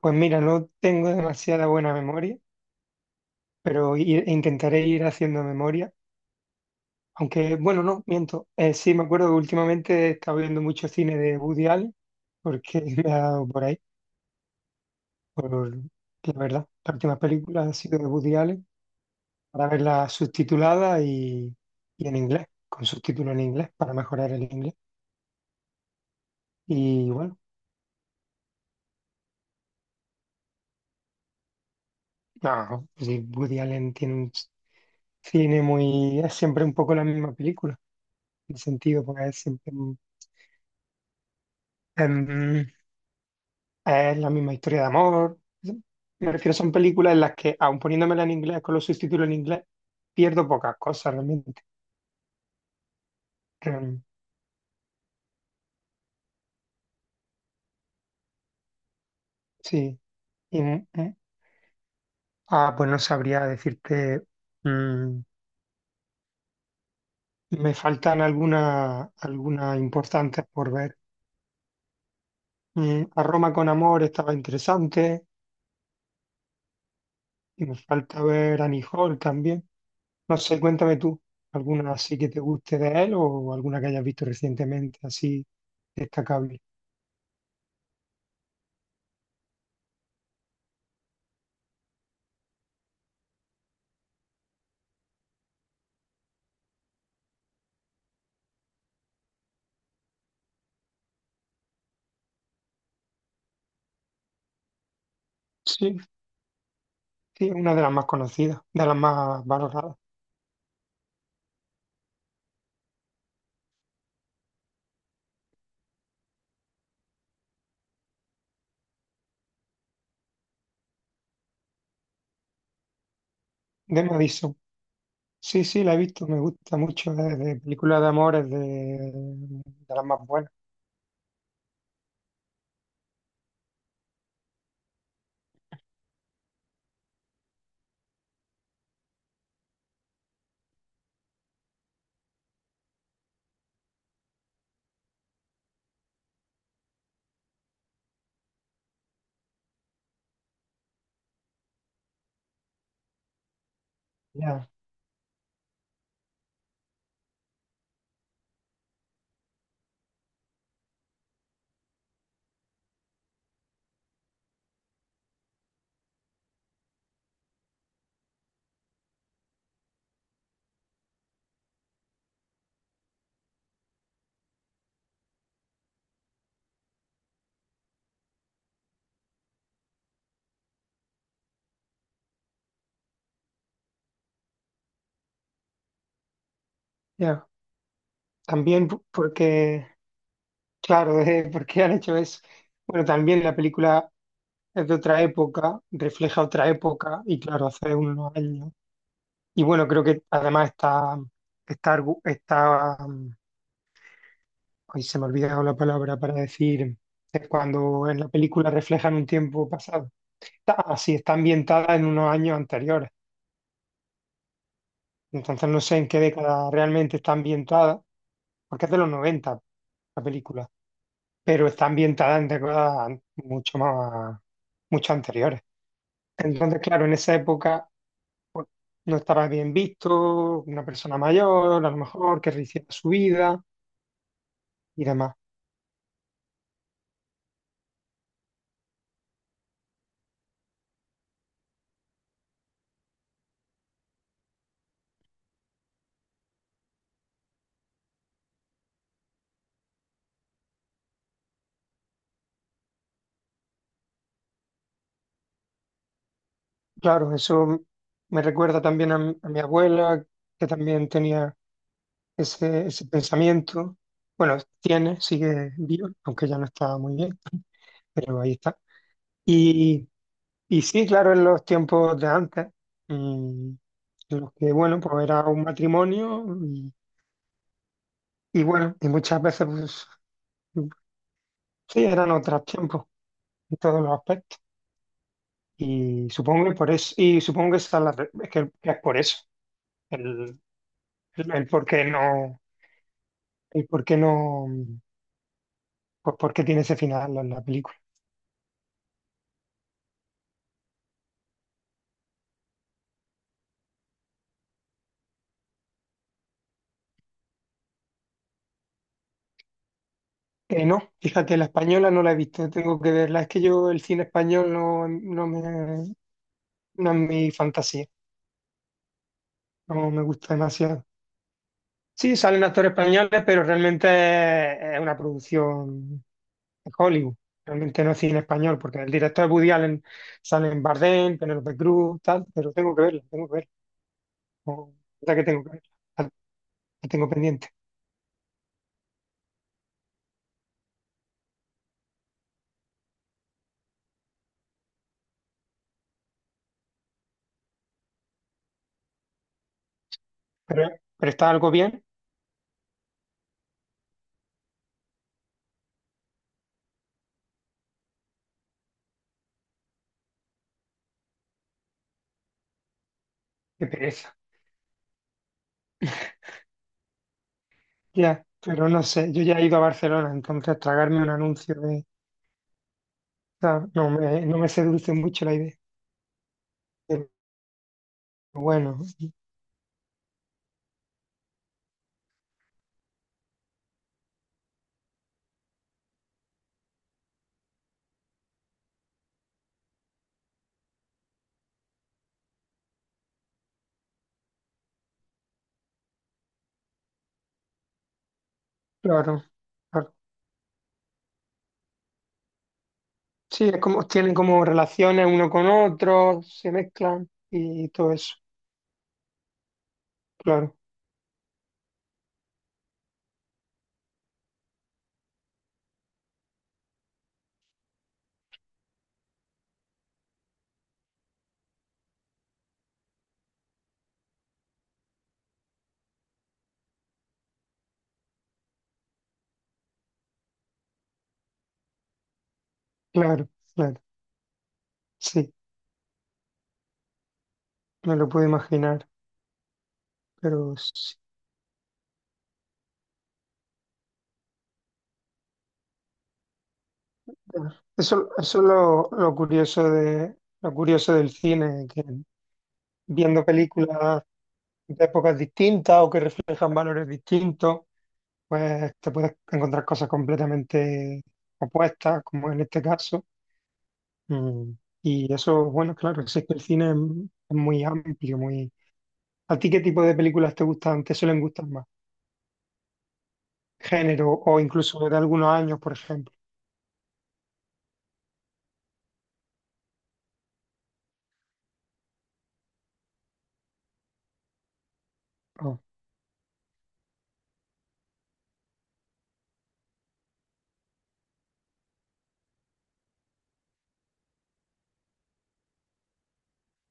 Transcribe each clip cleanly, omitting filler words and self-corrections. Pues mira, no tengo demasiada buena memoria, pero intentaré ir haciendo memoria. Aunque, bueno, no, miento. Sí, me acuerdo que últimamente he estado viendo mucho cine de Woody Allen, porque me ha dado por ahí, por la verdad. Las últimas películas han sido de Woody Allen, para verlas subtituladas y en inglés, con subtítulos en inglés, para mejorar el inglés. Y bueno, no, sí, Woody Allen tiene un cine muy es siempre un poco la misma película, en el sentido, porque es siempre Em, es la misma historia de amor. Me refiero, son películas en las que, aun poniéndomela en inglés con los subtítulos en inglés, pierdo pocas cosas realmente. Em, sí. Y, mm, mm. Pues no sabría decirte. mm, Me faltan algunas importantes por ver. A Roma con amor estaba interesante. Y me falta ver Annie Hall también. No sé, cuéntame tú, ¿alguna así que te guste de él o alguna que hayas visto recientemente así destacable? Sí, sí, es una de las más conocidas, de las más valoradas. De Madison. Sí, sí, la he visto, me gusta mucho. Es de películas de amor, es de las más buenas. Ya, ya. También porque, claro, porque han hecho eso. Bueno, también la película es de otra época, refleja otra época, y claro, hace unos años. Y bueno, creo que además está Hoy se me ha olvidado la palabra para decir es cuando en la película reflejan un tiempo pasado. Está, así está ambientada en unos años anteriores. Entonces no sé en qué década realmente está ambientada, porque es de los 90 la película, pero está ambientada en décadas mucho más, mucho anteriores. Entonces, claro, en esa época pues, no estaba bien visto, una persona mayor, a lo mejor, que rehiciera su vida y demás. Claro, eso me recuerda también a mi abuela, que también tenía ese pensamiento. Bueno, tiene, sigue vivo, aunque ya no está muy bien, pero ahí está. Y, y sí, claro, en los tiempos de antes, mm, en los que, bueno, pues era un matrimonio y bueno, y muchas veces, pues mm, sí, eran otros tiempos en todos los aspectos. Y supongo que por eso, y supongo que esa es la re- que es por eso, el, el por qué no. Y por qué no, pues por qué tiene ese final la película. No, fíjate, la española no la he visto, tengo que verla. Es que yo el cine español no, no me, no es mi fantasía, no me gusta demasiado. Sí, salen actores españoles, pero realmente es una producción de Hollywood. Realmente no es cine español, porque el director es Woody Allen, salen Bardem, Penélope Cruz, tal, pero tengo que verla, tengo que verla. No, la verdad que tengo que verla, la la tengo pendiente. Pero, pero está algo bien, qué pereza. Ya, pero no sé, yo ya he ido a Barcelona, entonces tragarme un anuncio de ¿sabes? No me, no me seduce mucho la idea. Pero bueno, claro, claro. Sí, es como, tienen como relaciones uno con otro, se mezclan y todo eso. Claro, claro, claro. Sí, me lo puedo imaginar, pero sí. Eso es lo curioso de, lo curioso del cine, que viendo películas de épocas distintas o que reflejan valores distintos, pues te puedes encontrar cosas completamente opuestas, como en este caso. Mm, Y eso, bueno, claro, sí es que el cine es muy amplio, muy... ¿A ti qué tipo de películas te gustan, te suelen gustar más? Género o incluso de algunos años, por ejemplo. Oh,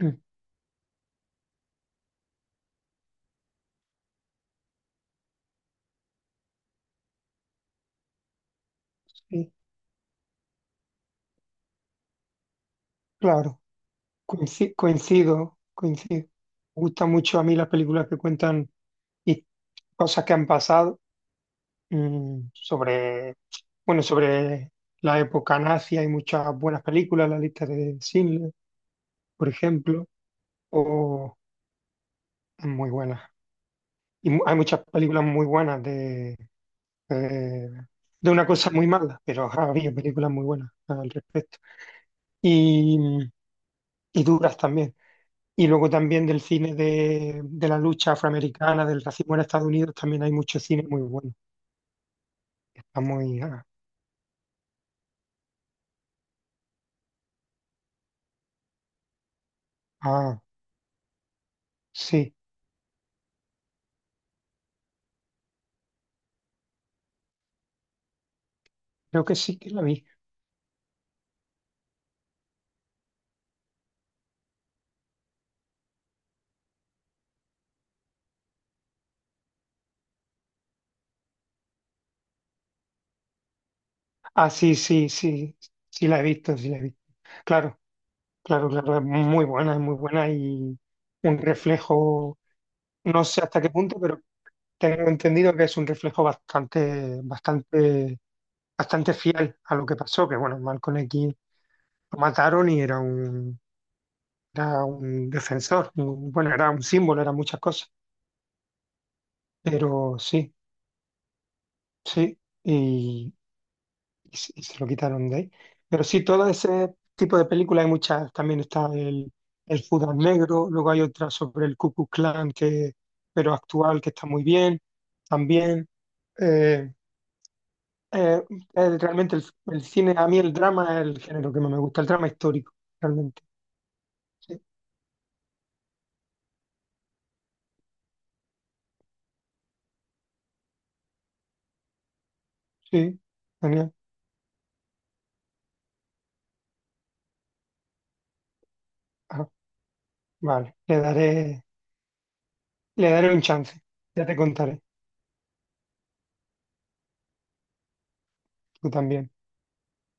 mm, sí. Claro, coincido, coincido. Me gustan mucho a mí las películas que cuentan y cosas que han pasado, mm, sobre, bueno, sobre la época nazi. Hay muchas buenas películas, la lista de Schindler, por ejemplo, o muy buenas. Y hay muchas películas muy buenas de eh, de una cosa muy mala, pero ha habido películas muy buenas al respecto. Y, y duras también. Y luego también del cine de la lucha afroamericana, del racismo en Estados Unidos, también hay mucho cine muy bueno. Está muy... Ah, ah, sí, creo que sí que la vi. Ah, sí, sí, sí, sí la he visto, sí la he visto. Claro, claro, claro, es muy buena y un reflejo, no sé hasta qué punto, pero tengo entendido que es un reflejo bastante, bastante, bastante fiel a lo que pasó, que bueno, Malcolm X lo mataron y era un defensor, bueno, era un símbolo, era muchas cosas, pero sí, sí, y, y se lo quitaron de ahí. Pero sí, todo ese tipo de películas hay muchas, también está el Judas Negro, luego hay otra sobre el Ku Klux Klan, que, pero actual, que está muy bien, también. eh, Eh, Realmente el cine, a mí el drama es el género que más me gusta, el drama histórico, realmente. Sí, sí, Daniel. Ah, vale, le daré un chance, ya te contaré, tú también.